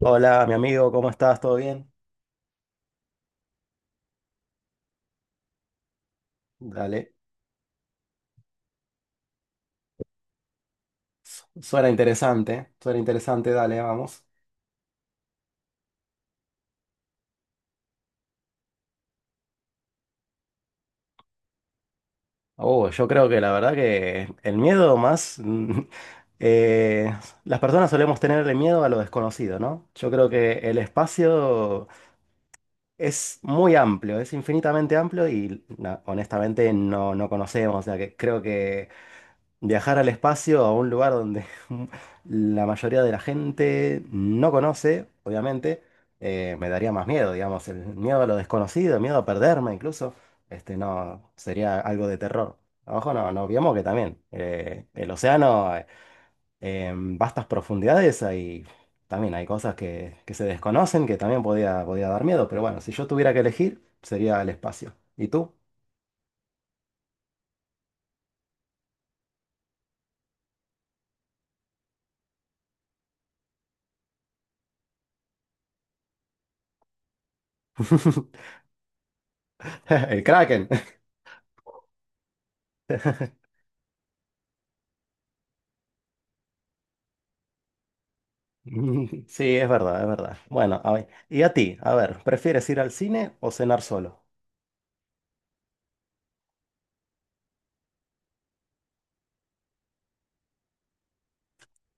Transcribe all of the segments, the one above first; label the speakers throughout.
Speaker 1: Hola, mi amigo, ¿cómo estás? ¿Todo bien? Dale. Suena interesante, dale, vamos. Oh, yo creo que la verdad que el miedo más, eh, las personas solemos tenerle miedo a lo desconocido, ¿no? Yo creo que el espacio es muy amplio, es infinitamente amplio y honestamente no conocemos, o sea que creo que viajar al espacio, a un lugar donde la mayoría de la gente no conoce, obviamente, me daría más miedo, digamos, el miedo a lo desconocido, el miedo a perderme incluso, no, sería algo de terror. Abajo no olvidemos que también el océano, en vastas profundidades, también hay cosas que se desconocen que también podía dar miedo, pero bueno, si yo tuviera que elegir, sería el espacio. ¿Y tú? El Kraken. Sí, es verdad, es verdad. Bueno, a ver, y a ti, a ver, ¿prefieres ir al cine o cenar solo?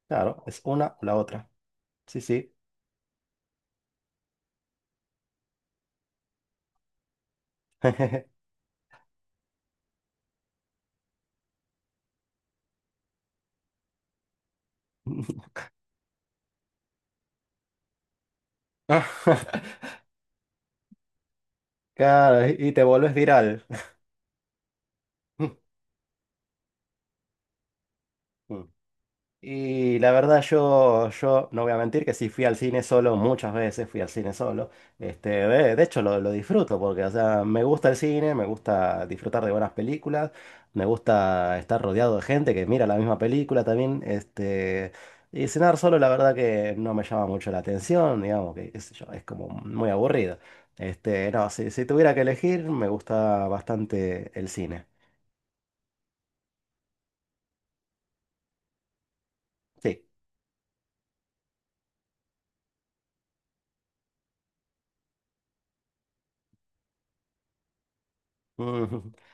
Speaker 1: Claro, es una o la otra. Sí, sí. Claro, y te vuelves viral. Y la verdad yo no voy a mentir que sí fui al cine solo, muchas veces fui al cine solo. De hecho lo disfruto porque, o sea, me gusta el cine, me gusta disfrutar de buenas películas, me gusta estar rodeado de gente que mira la misma película también. Y cenar solo la verdad que no me llama mucho la atención, digamos que qué sé yo, es como muy aburrido. No, si tuviera que elegir, me gusta bastante el cine. Sí.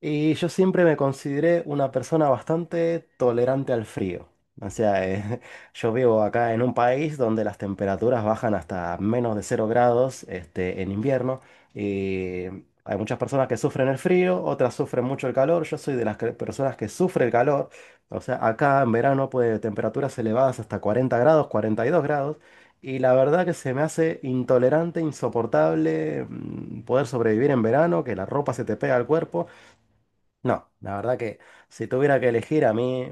Speaker 1: Y yo siempre me consideré una persona bastante tolerante al frío. O sea, yo vivo acá en un país donde las temperaturas bajan hasta menos de 0 grados, en invierno. Y hay muchas personas que sufren el frío, otras sufren mucho el calor. Yo soy de personas que sufre el calor. O sea, acá en verano puede temperaturas elevadas hasta 40 grados, 42 grados. Y la verdad que se me hace intolerante, insoportable poder sobrevivir en verano, que la ropa se te pega al cuerpo. No, la verdad que si tuviera que elegir a mí,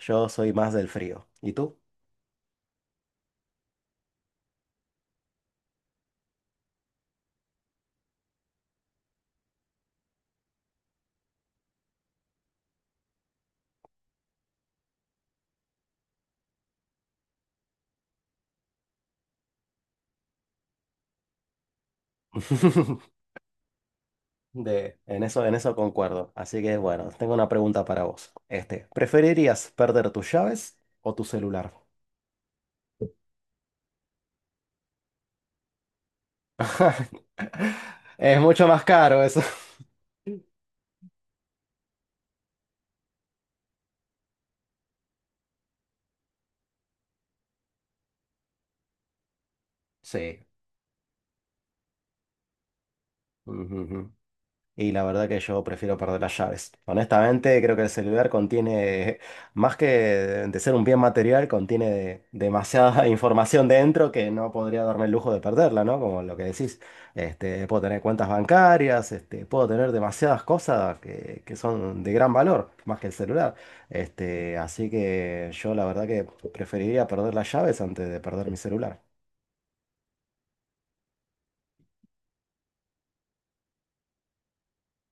Speaker 1: yo soy más del frío. ¿Y tú? En eso concuerdo. Así que bueno, tengo una pregunta para vos. ¿Preferirías perder tus llaves o tu celular? Es mucho más caro eso. Sí. Ujú, ujú. Y la verdad que yo prefiero perder las llaves. Honestamente, creo que el celular contiene, más que de ser un bien material, contiene demasiada información dentro que no podría darme el lujo de perderla, ¿no? Como lo que decís, puedo tener cuentas bancarias, puedo tener demasiadas cosas que son de gran valor, más que el celular. Así que yo la verdad que preferiría perder las llaves antes de perder mi celular.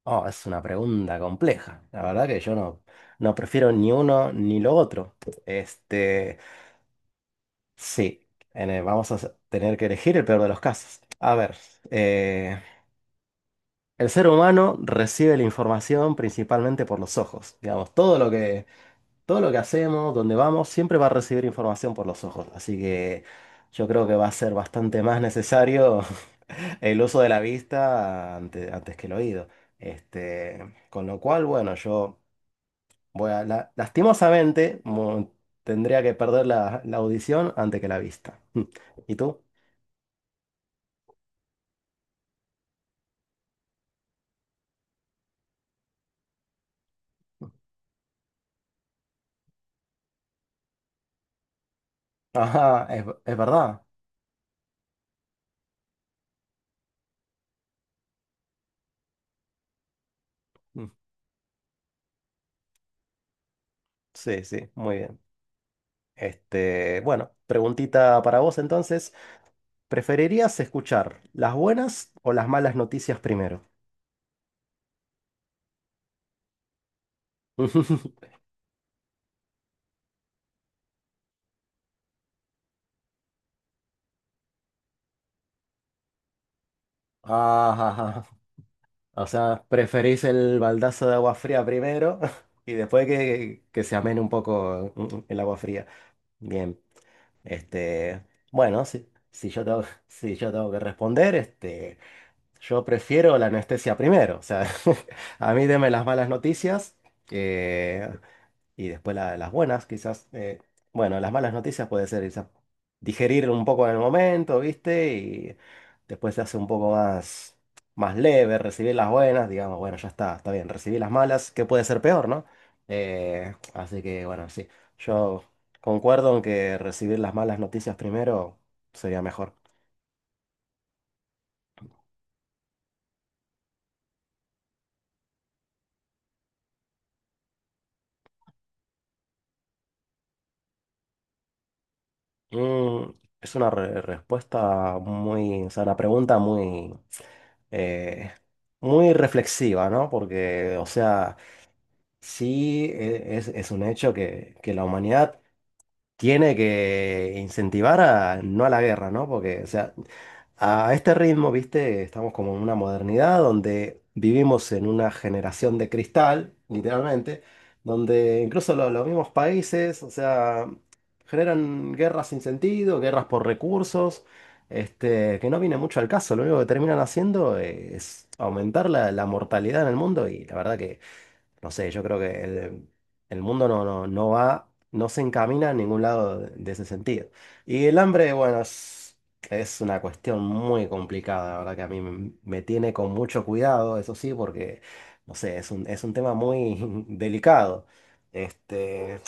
Speaker 1: Oh, es una pregunta compleja. La verdad que yo no prefiero ni uno ni lo otro. Este, sí, vamos a tener que elegir el peor de los casos. A ver, eh, el ser humano recibe la información principalmente por los ojos. Digamos, todo lo que hacemos, donde vamos, siempre va a recibir información por los ojos. Así que yo creo que va a ser bastante más necesario el uso de la vista antes que el oído. Con lo cual, bueno, yo. Bueno, lastimosamente tendría que perder la audición antes que la vista. Mm. ¿Y tú? Ajá, es verdad. Mm, Sí, sí, muy bien. Bueno, preguntita para vos entonces. ¿Preferirías escuchar las buenas o las malas noticias primero? Ajá, o sea, preferís el baldazo de agua fría primero y después que se amene un poco el agua fría. Bien. Este, bueno, si yo tengo, si yo tengo que responder, yo prefiero la anestesia primero. O sea, a mí deme las malas noticias. eh, y después las buenas, quizás, bueno, las malas noticias puede ser quizás digerir un poco en el momento, ¿viste? Y después se hace un poco más leve, recibir las buenas, digamos, bueno, ya está, está bien, recibí las malas, que puede ser peor, ¿no? Así que, bueno, sí, yo concuerdo en que recibir las malas noticias primero sería mejor. Mm, es una respuesta muy, o sea, una pregunta muy, eh, muy reflexiva, ¿no? Porque, o sea. Sí, es un hecho que la humanidad tiene que incentivar a, no a la guerra, ¿no? Porque, o sea, a este ritmo, viste, estamos como en una modernidad donde vivimos en una generación de cristal, literalmente, donde incluso los mismos países, o sea, generan guerras sin sentido, guerras por recursos, que no viene mucho al caso. Lo único que terminan haciendo es aumentar la mortalidad en el mundo y la verdad que. No sé, yo creo que el mundo no va, no se encamina a ningún lado de ese sentido. Y el hambre, bueno, es una cuestión muy complicada, la verdad que a mí me tiene con mucho cuidado, eso sí, porque, no sé, es un tema muy delicado. Este,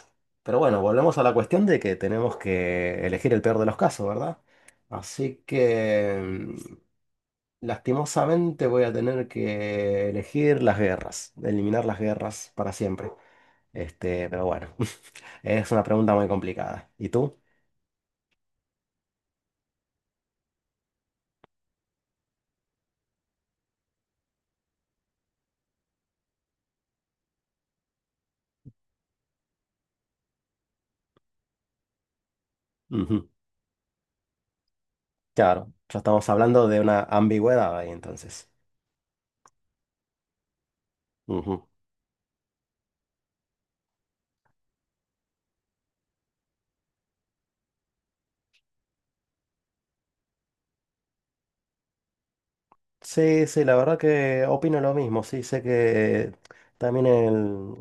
Speaker 1: pero bueno, volvemos a la cuestión de que tenemos que elegir el peor de los casos, ¿verdad? Así que, mm, lastimosamente, voy a tener que elegir las guerras, eliminar las guerras para siempre. Pero bueno, es una pregunta muy complicada. ¿Y tú? Ujú, claro, ya estamos hablando de una ambigüedad ahí entonces. Ujú. Sí, sí, la verdad que opino lo mismo. Sí, sé que también el,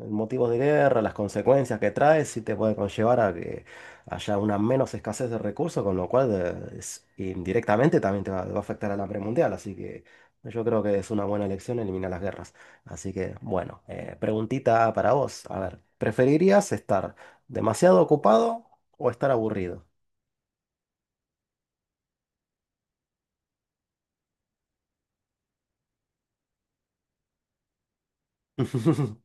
Speaker 1: el motivo de guerra, las consecuencias que trae, sí te puede conllevar a que haya una menos escasez de recursos, con lo cual indirectamente también te va a afectar al hambre mundial. Así que yo creo que es una buena elección eliminar las guerras. Así que, bueno, preguntita para vos. A ver, ¿preferirías estar demasiado ocupado o estar aburrido?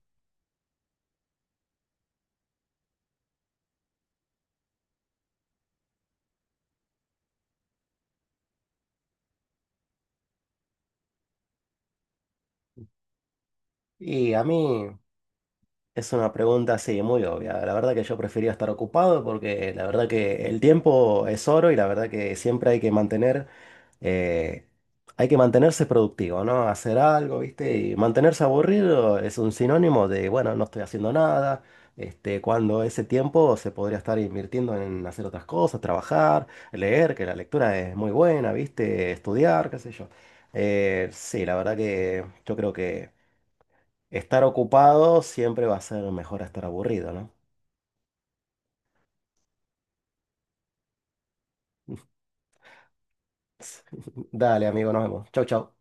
Speaker 1: Y a mí. Es una pregunta, sí, muy obvia. La verdad que yo prefería estar ocupado porque la verdad que el tiempo es oro y la verdad que siempre hay que mantener, eh, hay que mantenerse productivo, ¿no? Hacer algo, ¿viste? Y mantenerse aburrido es un sinónimo de, bueno, no estoy haciendo nada, cuando ese tiempo se podría estar invirtiendo en hacer otras cosas, trabajar, leer, que la lectura es muy buena, ¿viste? Estudiar, qué sé yo. Sí, la verdad que yo creo que. Estar ocupado siempre va a ser mejor a estar aburrido, ¿no? Dale, amigo, nos vemos. Chau, chau.